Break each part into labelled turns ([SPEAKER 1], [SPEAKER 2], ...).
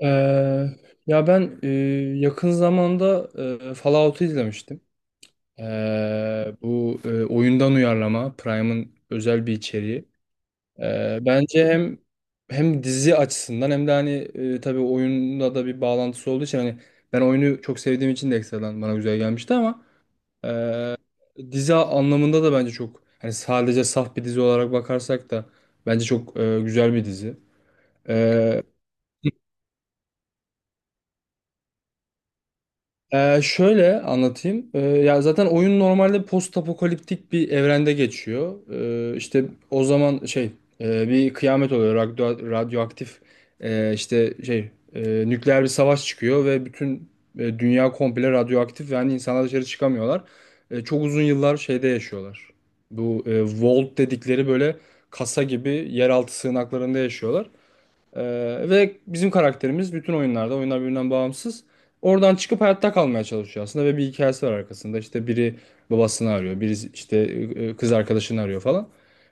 [SPEAKER 1] Eee, ya ben yakın zamanda Fallout'u izlemiştim. Bu oyundan uyarlama, Prime'ın özel bir içeriği. Bence hem dizi açısından hem de hani tabii oyunda da bir bağlantısı olduğu için hani ben oyunu çok sevdiğim için de ekstradan bana güzel gelmişti, ama eee, dizi anlamında da bence çok hani sadece saf bir dizi olarak bakarsak da bence çok güzel bir dizi. Şöyle anlatayım. Ya zaten oyun normalde post apokaliptik bir evrende geçiyor. İşte o zaman şey bir kıyamet oluyor. Radyoaktif işte şey e, nükleer bir savaş çıkıyor ve bütün dünya komple radyoaktif, yani insanlar dışarı çıkamıyorlar. Çok uzun yıllar şeyde yaşıyorlar. Bu vault dedikleri böyle kasa gibi yeraltı sığınaklarında yaşıyorlar. Ee, Ve bizim karakterimiz bütün oyunlarda, oyunlar birbirinden bağımsız. Oradan çıkıp hayatta kalmaya çalışıyor aslında ve bir hikayesi var arkasında. İşte biri babasını arıyor, biri işte kız arkadaşını arıyor falan.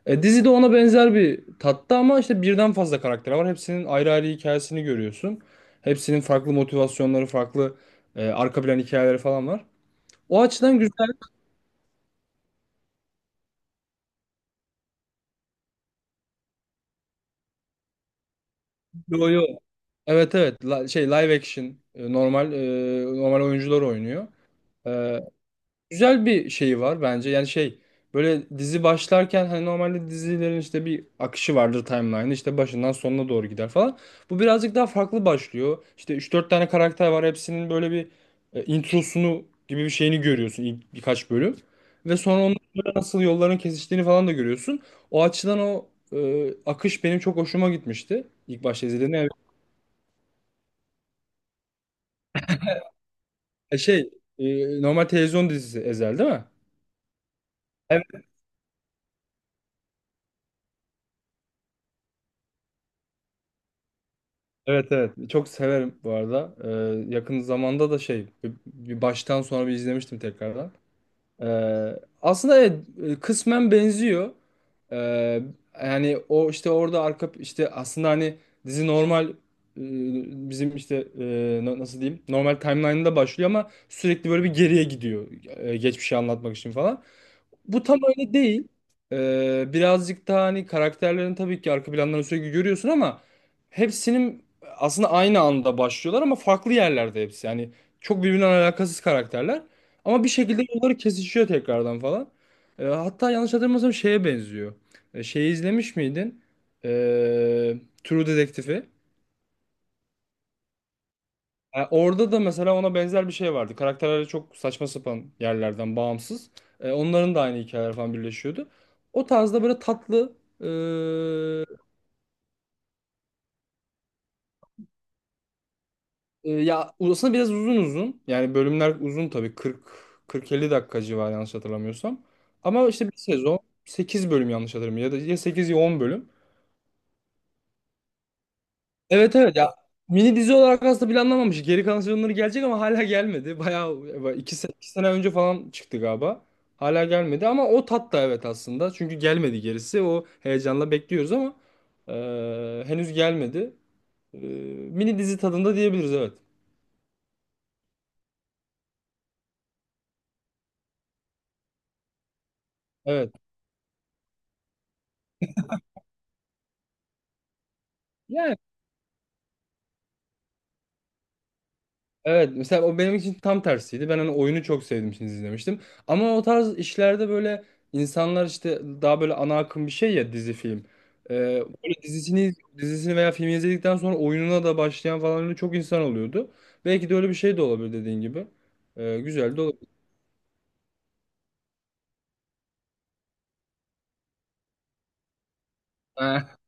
[SPEAKER 1] Dizi de ona benzer bir tatta ama işte birden fazla karakter var. Hepsinin ayrı ayrı hikayesini görüyorsun. Hepsinin farklı motivasyonları, farklı arka plan hikayeleri falan var. O açıdan güzel. Yo yo. Evet evet. Şey live action, normal normal oyuncular oynuyor. E, Güzel bir şeyi var bence. Yani şey böyle dizi başlarken hani normalde dizilerin işte bir akışı vardır, timeline işte başından sonuna doğru gider falan. Bu birazcık daha farklı başlıyor. İşte üç dört tane karakter var, hepsinin böyle bir introsunu gibi bir şeyini görüyorsun ilk birkaç bölüm. Ve sonra onların böyle nasıl yolların kesiştiğini falan da görüyorsun. O açıdan o akış benim çok hoşuma gitmişti İlk başta izlediğimde. Yani şey normal televizyon dizisi Ezel, değil mi? Evet evet, çok severim bu arada. Yakın zamanda da şey bir baştan sonra bir izlemiştim tekrardan. Ee, Aslında evet, kısmen benziyor. Ee, Yani o işte orada arka işte aslında hani dizi normal, bizim işte nasıl diyeyim, normal timeline'da başlıyor ama sürekli böyle bir geriye gidiyor geçmişi anlatmak için falan. Bu tam öyle değil. Birazcık daha hani karakterlerin tabii ki arka planlarını sürekli görüyorsun ama hepsinin aslında aynı anda başlıyorlar ama farklı yerlerde hepsi. Yani çok birbirinden alakasız karakterler ama bir şekilde yolları kesişiyor tekrardan falan. Hatta yanlış hatırlamıyorsam şeye benziyor. Şeyi izlemiş miydin? Ee, True Detective'i. Orada da mesela ona benzer bir şey vardı. Karakterler çok saçma sapan yerlerden bağımsız. Onların da aynı hikayeler falan birleşiyordu. O tarzda böyle tatlı. e, Ya aslında biraz uzun uzun. Yani bölümler uzun tabii. 40 40-50 dakika civarı yanlış hatırlamıyorsam. Ama işte bir sezon 8 bölüm, yanlış hatırlamıyorum, ya da ya 8 ya 10 bölüm. Evet evet, ya mini dizi olarak aslında planlanmamış. Geri kalan sezonları gelecek ama hala gelmedi. Bayağı 2 sene önce falan çıktı galiba. Hala gelmedi ama o tat da evet aslında. Çünkü gelmedi gerisi. O heyecanla bekliyoruz ama henüz gelmedi. E, Mini dizi tadında diyebiliriz, evet. Evet. Yani, evet, mesela o benim için tam tersiydi. Ben hani oyunu çok sevdim için izlemiştim. Ama o tarz işlerde böyle insanlar işte daha böyle ana akım bir şey, ya dizi, film. Ee, Böyle dizisini veya filmi izledikten sonra oyununa da başlayan falan öyle çok insan oluyordu. Belki de öyle bir şey de olabilir dediğin gibi. Güzel de olabilir. Ha.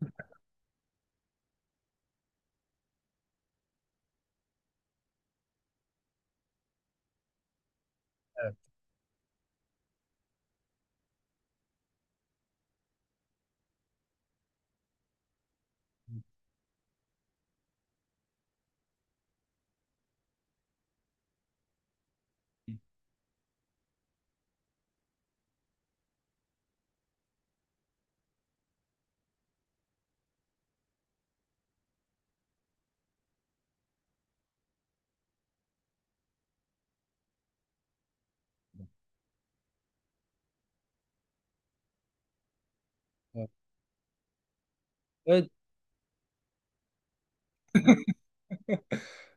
[SPEAKER 1] Evet,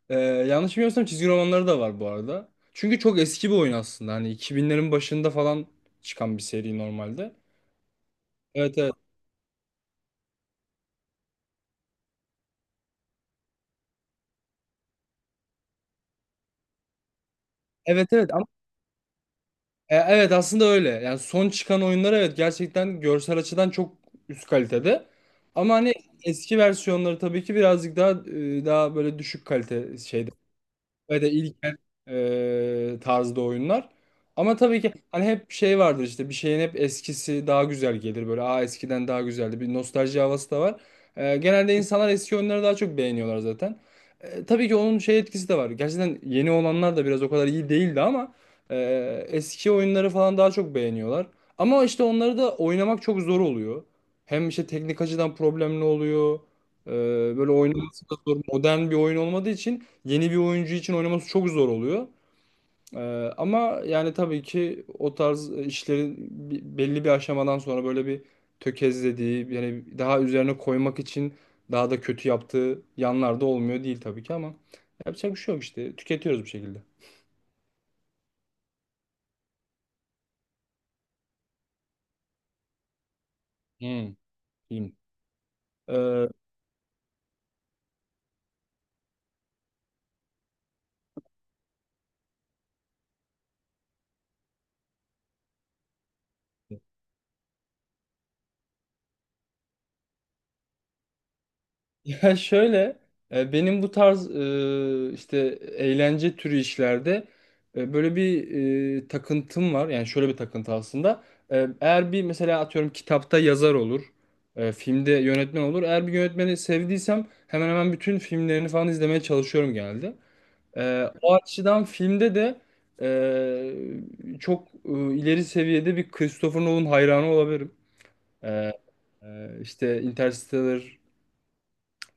[SPEAKER 1] yanlış bilmiyorsam çizgi romanları da var bu arada. Çünkü çok eski bir oyun aslında. Hani 2000'lerin başında falan çıkan bir seri normalde. Evet evet. Evet evet. Evet, aslında öyle. Yani son çıkan oyunlar evet gerçekten görsel açıdan çok üst kalitede. Ama hani eski versiyonları tabii ki birazcık daha daha böyle düşük kalite şeyde ve de ilkel tarzda oyunlar. Ama tabii ki hani hep şey vardır, işte bir şeyin hep eskisi daha güzel gelir, böyle aa eskiden daha güzeldi, bir nostalji havası da var. Genelde insanlar eski oyunları daha çok beğeniyorlar zaten. Tabii ki onun şey etkisi de var. Gerçekten yeni olanlar da biraz o kadar iyi değildi ama eski oyunları falan daha çok beğeniyorlar. Ama işte onları da oynamak çok zor oluyor. Hem işte teknik açıdan problemli oluyor. E, Böyle oynaması da zor. Modern bir oyun olmadığı için yeni bir oyuncu için oynaması çok zor oluyor. Ee, Ama yani tabii ki o tarz işlerin belli bir aşamadan sonra böyle bir tökezlediği, yani daha üzerine koymak için daha da kötü yaptığı yanlar da olmuyor değil tabii ki, ama yapacak bir şey yok işte, tüketiyoruz bir şekilde. Hmm. Diyeyim. Ee, Ya şöyle, benim bu tarz işte eğlence türü işlerde böyle bir takıntım var. Yani şöyle bir takıntı aslında. Eğer bir mesela atıyorum kitapta yazar olur, filmde yönetmen olur. Eğer bir yönetmeni sevdiysem hemen hemen bütün filmlerini falan izlemeye çalışıyorum genelde. O açıdan filmde de çok ileri seviyede bir Christopher Nolan hayranı olabilirim. E, işte Interstellar,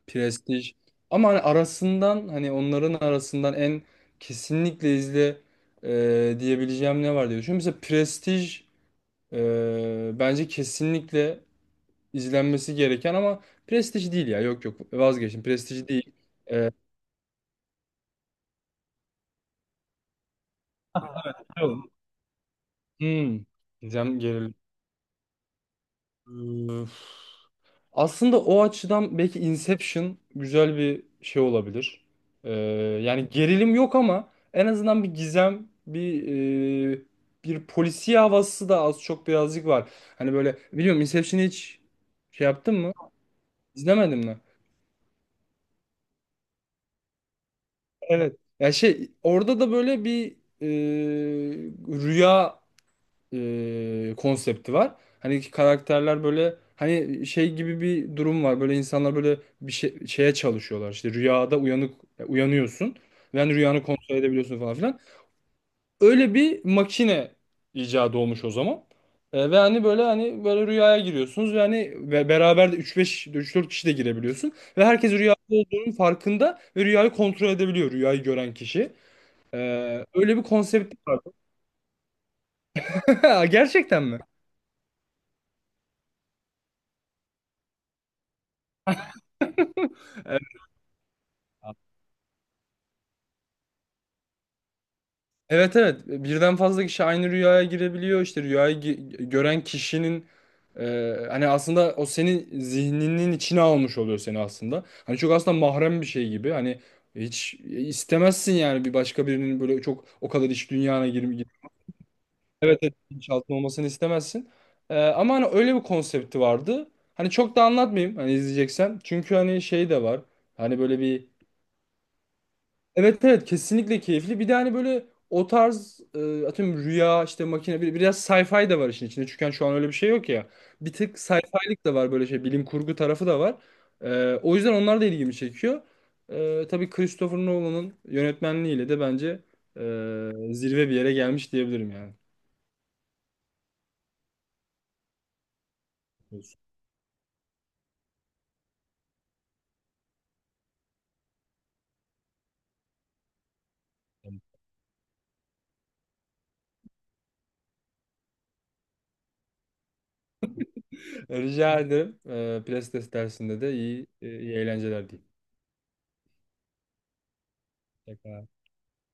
[SPEAKER 1] Prestij. Ama hani arasından, hani onların arasından en kesinlikle izle diyebileceğim ne var diye düşünüyorum. Mesela Prestij bence kesinlikle izlenmesi gereken, ama Prestij değil ya. Yok yok, vazgeçtim. Prestij değil. E, Yok. hmm. Gizem gerildi. Aslında o açıdan belki Inception güzel bir şey olabilir. Ee, Yani gerilim yok ama en azından bir gizem, e, bir polisiye havası da az çok birazcık var. Hani böyle biliyorum, Inception'ı hiç şey yaptın mı? İzlemedin mi? Evet. Ya şey orada da böyle bir e, rüya konsepti var. Hani karakterler böyle hani şey gibi bir durum var. Böyle insanlar böyle bir şey, şeye çalışıyorlar. İşte rüyada uyanık, uyanıyorsun. Ve hani rüyanı kontrol edebiliyorsun falan filan. Öyle bir makine icadı olmuş o zaman. Ve hani böyle, hani böyle rüyaya giriyorsunuz ve hani ve beraber de 3-5 3-4 kişi de girebiliyorsun ve herkes rüyada olduğunun farkında ve rüyayı kontrol edebiliyor rüyayı gören kişi. E, Öyle bir konsept var. Gerçekten mi? Evet. Evet evet, birden fazla kişi aynı rüyaya girebiliyor işte, gören kişinin hani aslında o senin zihninin içine almış oluyor seni aslında. Hani çok aslında mahrem bir şey gibi hani, hiç istemezsin yani bir başka birinin böyle çok o kadar iç dünyana girme. Evet evet, bilinçaltında olmasını istemezsin. Ama hani öyle bir konsepti vardı. Hani çok da anlatmayayım hani, izleyeceksen çünkü hani şey de var, hani böyle bir. Evet evet, kesinlikle keyifli. Bir de hani böyle o tarz atıyorum rüya işte makine, biraz sci-fi de var işin içinde. Çünkü hani şu an öyle bir şey yok ya. Bir tık sci-fi'lik de var, böyle şey, bilim kurgu tarafı da var. O yüzden onlar da ilgimi çekiyor. Tabii Christopher Nolan'ın yönetmenliğiyle de bence zirve bir yere gelmiş diyebilirim yani. Olsun. Rica ederim. Plastes dersinde de iyi eğlenceler diyeyim. Tekrar